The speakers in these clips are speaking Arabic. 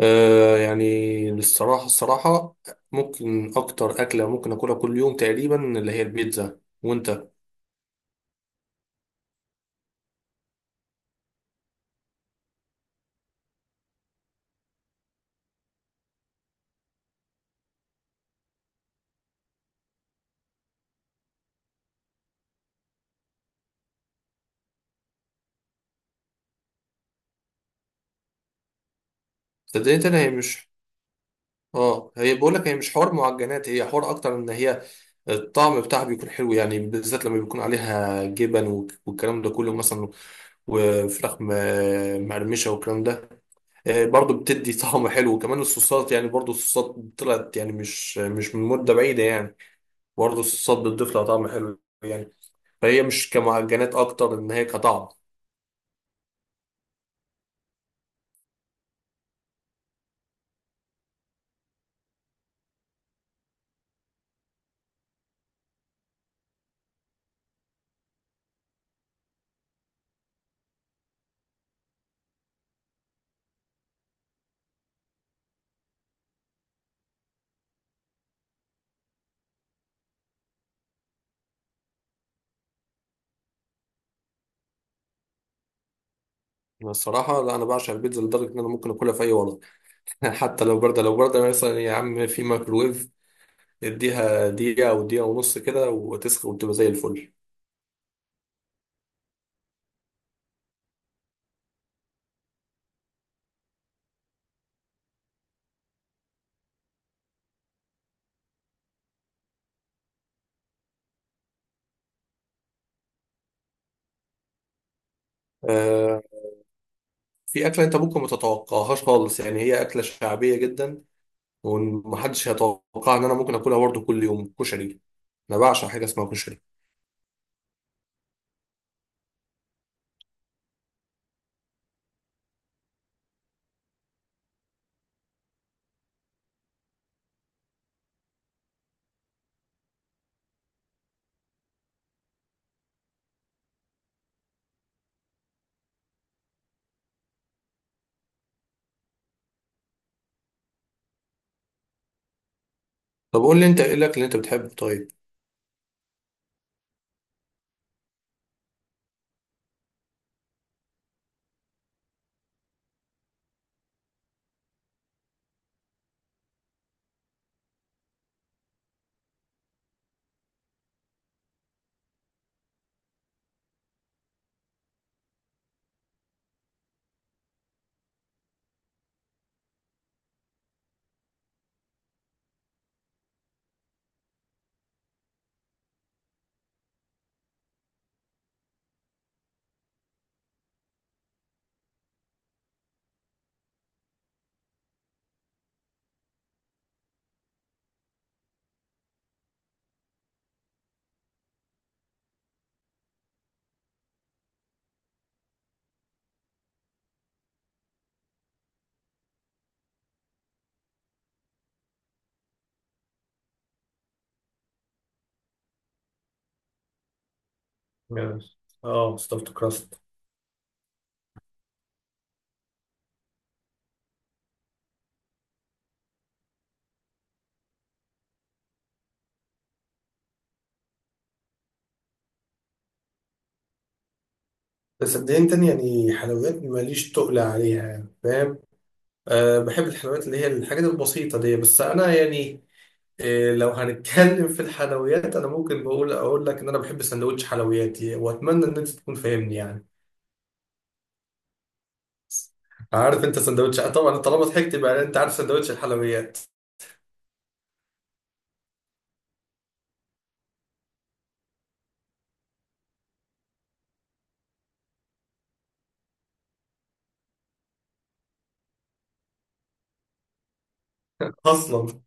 آه، يعني الصراحة ممكن أكتر أكلة ممكن أكلها كل يوم تقريبا، اللي هي البيتزا. وأنت؟ صدقني، أنا هي مش آه هي بقول لك هي مش حوار معجنات، هي حوار أكتر إن هي الطعم بتاعها بيكون حلو يعني، بالذات لما بيكون عليها جبن والكلام ده كله مثلا، وفراخ مقرمشة والكلام ده. برضو بتدي طعم حلو، وكمان الصوصات يعني، برضو الصوصات طلعت يعني مش من مدة بعيدة يعني. برضو الصوصات بتضيف لها طعم حلو يعني. فهي مش كمعجنات، اكتر ان هي كطعم. أنا الصراحه لا، انا بعشق البيتزا لدرجه ان انا ممكن اكلها في اي وضع. حتى لو بارده، لو بارده مثلا يا عم، في ميكروويف اديها دقيقه او دقيقه ونص كده، وتسخن وتبقى زي الفل. آه، في اكله انت ممكن ما تتوقعهاش خالص يعني، هي اكله شعبيه جدا ومحدش هيتوقع ان انا ممكن اكلها برضه كل يوم: كشري. انا بعشق حاجه اسمها كشري. طب قول لي انت ايه الاكل اللي انت بتحبه؟ طيب. يعني، اه، ستافت كراست. بس صدقني تاني يعني، حلويات ماليش تقل عليها يعني، فاهم؟ أه، بحب الحلويات اللي هي الحاجات البسيطة دي، بس أنا يعني أه، لو هنتكلم في الحلويات أنا ممكن أقول لك إن أنا بحب سندوتش حلوياتي، وأتمنى إن أنت تكون فاهمني يعني. عارف أنت سندوتش؟ آه، طبعا طالما ضحكت يبقى أنت عارف سندوتش الحلويات. أصلا.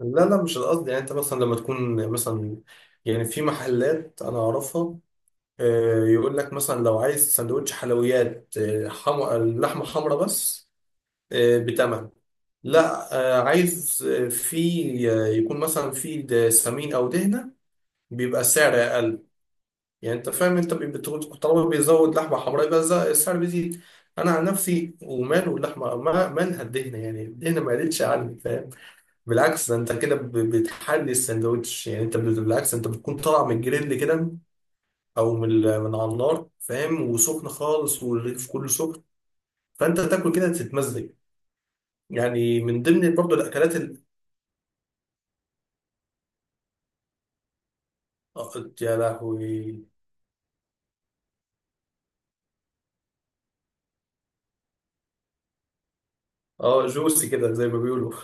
لا لا، مش القصد يعني، أنت مثلا لما تكون مثلا، يعني في محلات أنا أعرفها. أه، يقول لك مثلا لو عايز سندوتش حلويات، أه، لحمة حمرا بس. بتمن، لا، عايز في يكون مثلا في سمين او دهنه، بيبقى السعر اقل. يعني انت فاهم، انت طالما بيزود لحمه حمراء يبقى السعر بيزيد. انا عن نفسي، وماله اللحمه مالها الدهنه، يعني الدهنه ما قلتش عني، فاهم؟ بالعكس، ده انت كده بتحلي الساندوتش يعني، انت بالعكس انت بتكون طالع من الجريل كده، او من من على النار، فاهم، وسخن خالص والرغيف كله سخن. فانت تاكل كده تتمزج يعني. من ضمن برضو الاكلات آه، يا لهوي! اه، جوسي كده زي ما بيقولوا.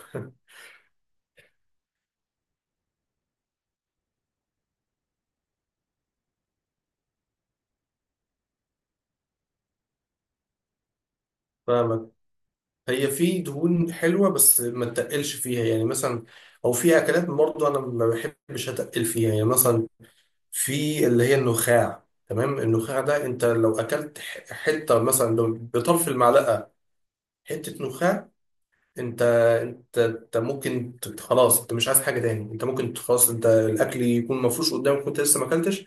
فاهمك. هي في دهون حلوه بس ما تقلش فيها، يعني مثلا، او في اكلات برضه انا ما بحبش اتقل فيها، يعني مثلا في اللي هي النخاع. تمام، النخاع ده انت لو اكلت حته مثلا لو بطرف المعلقه، حته نخاع. انت انت ممكن خلاص، انت مش عايز حاجه تاني، انت ممكن خلاص، انت الاكل يكون مفروش قدامك وانت لسه ما اكلتش،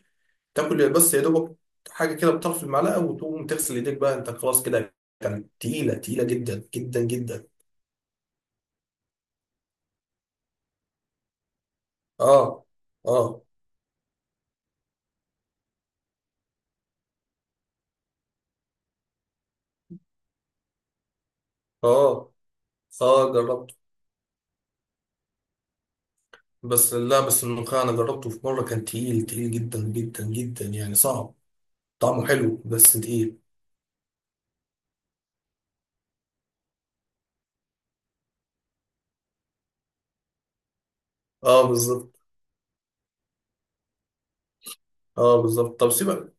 تاكل بس يا دوبك حاجه كده بطرف المعلقه، وتقوم تغسل ايديك بقى، انت خلاص كده. كانت تقيله، تقيله جدا جدا جدا. اه. اه. اه. اه، جربته. بس لا، بس الملوخيه انا جربته في مره، كان تقيل تقيل جدا جدا جدا يعني، صعب. طعمه حلو بس تقيل. اه، بالظبط. اه، بالظبط، طب سيبك.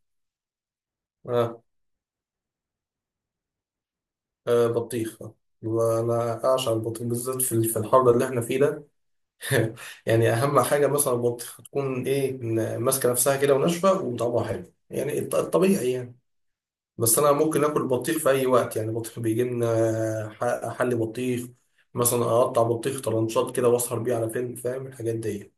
آه. آه، بطيخ. آه. وانا اعشق البطيخ بالذات في الحر اللي احنا فيه ده. يعني، اهم حاجه مثلا البطيخه تكون ايه، ماسكه نفسها كده وناشفه وطعمها حلو يعني، الطبيعي يعني. بس انا ممكن اكل بطيخ في اي وقت يعني، بطيخ بيجي لنا حل بطيخ، مثلا اقطع بطيخ طرنشات كده واسهر بيه على فيلم، فاهم؟ الحاجات دي.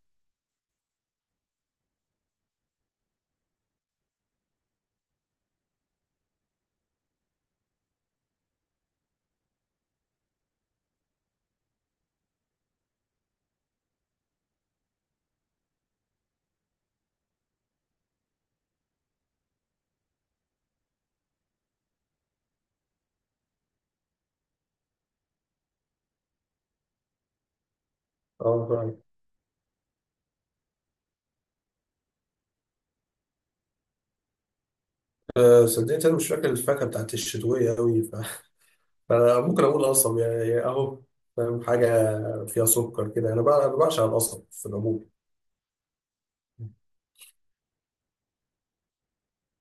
اه فعلا. صدقني انا مش فاكر الفاكهه بتاعت الشتويه قوي. فممكن اقول قصب يعني اهو، فاهم، حاجه فيها سكر كده. أنا بعشق القصب في العموم.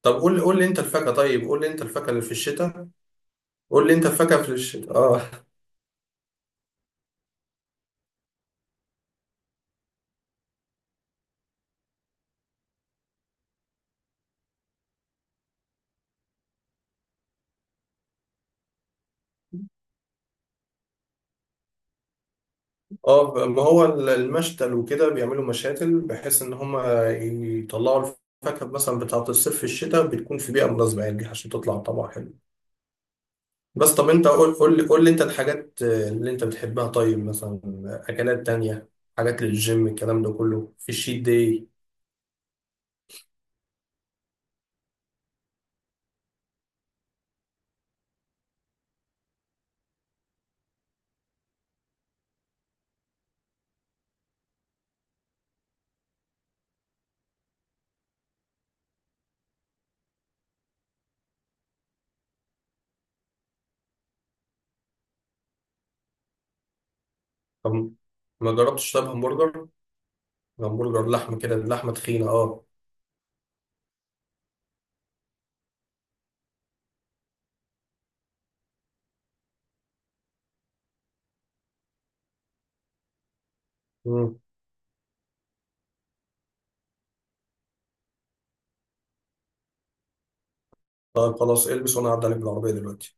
طب قول لي انت الفاكهه، طيب، قول لي انت الفاكهه اللي في الشتاء. قول لي انت فاكهة في الشتاء، اه. اه، ما هو المشتل وكده بيعملوا مشاتل بحيث ان هم يطلعوا الفاكهة مثلا بتاعة الصيف في الشتاء، بتكون في بيئة مناسبة، يعني عشان تطلع طبعا حلو. بس طب انت قول لي انت الحاجات اللي انت بتحبها، طيب مثلا، اكلات تانية، حاجات للجيم، الكلام ده كله في الشيت داي. طب ما جربتش؟ طب همبرجر، همبرجر لحمة كده، اللحمة تخينة، اه. مم. طيب خلاص، البس وانا هعدي عليك بالعربية دلوقتي.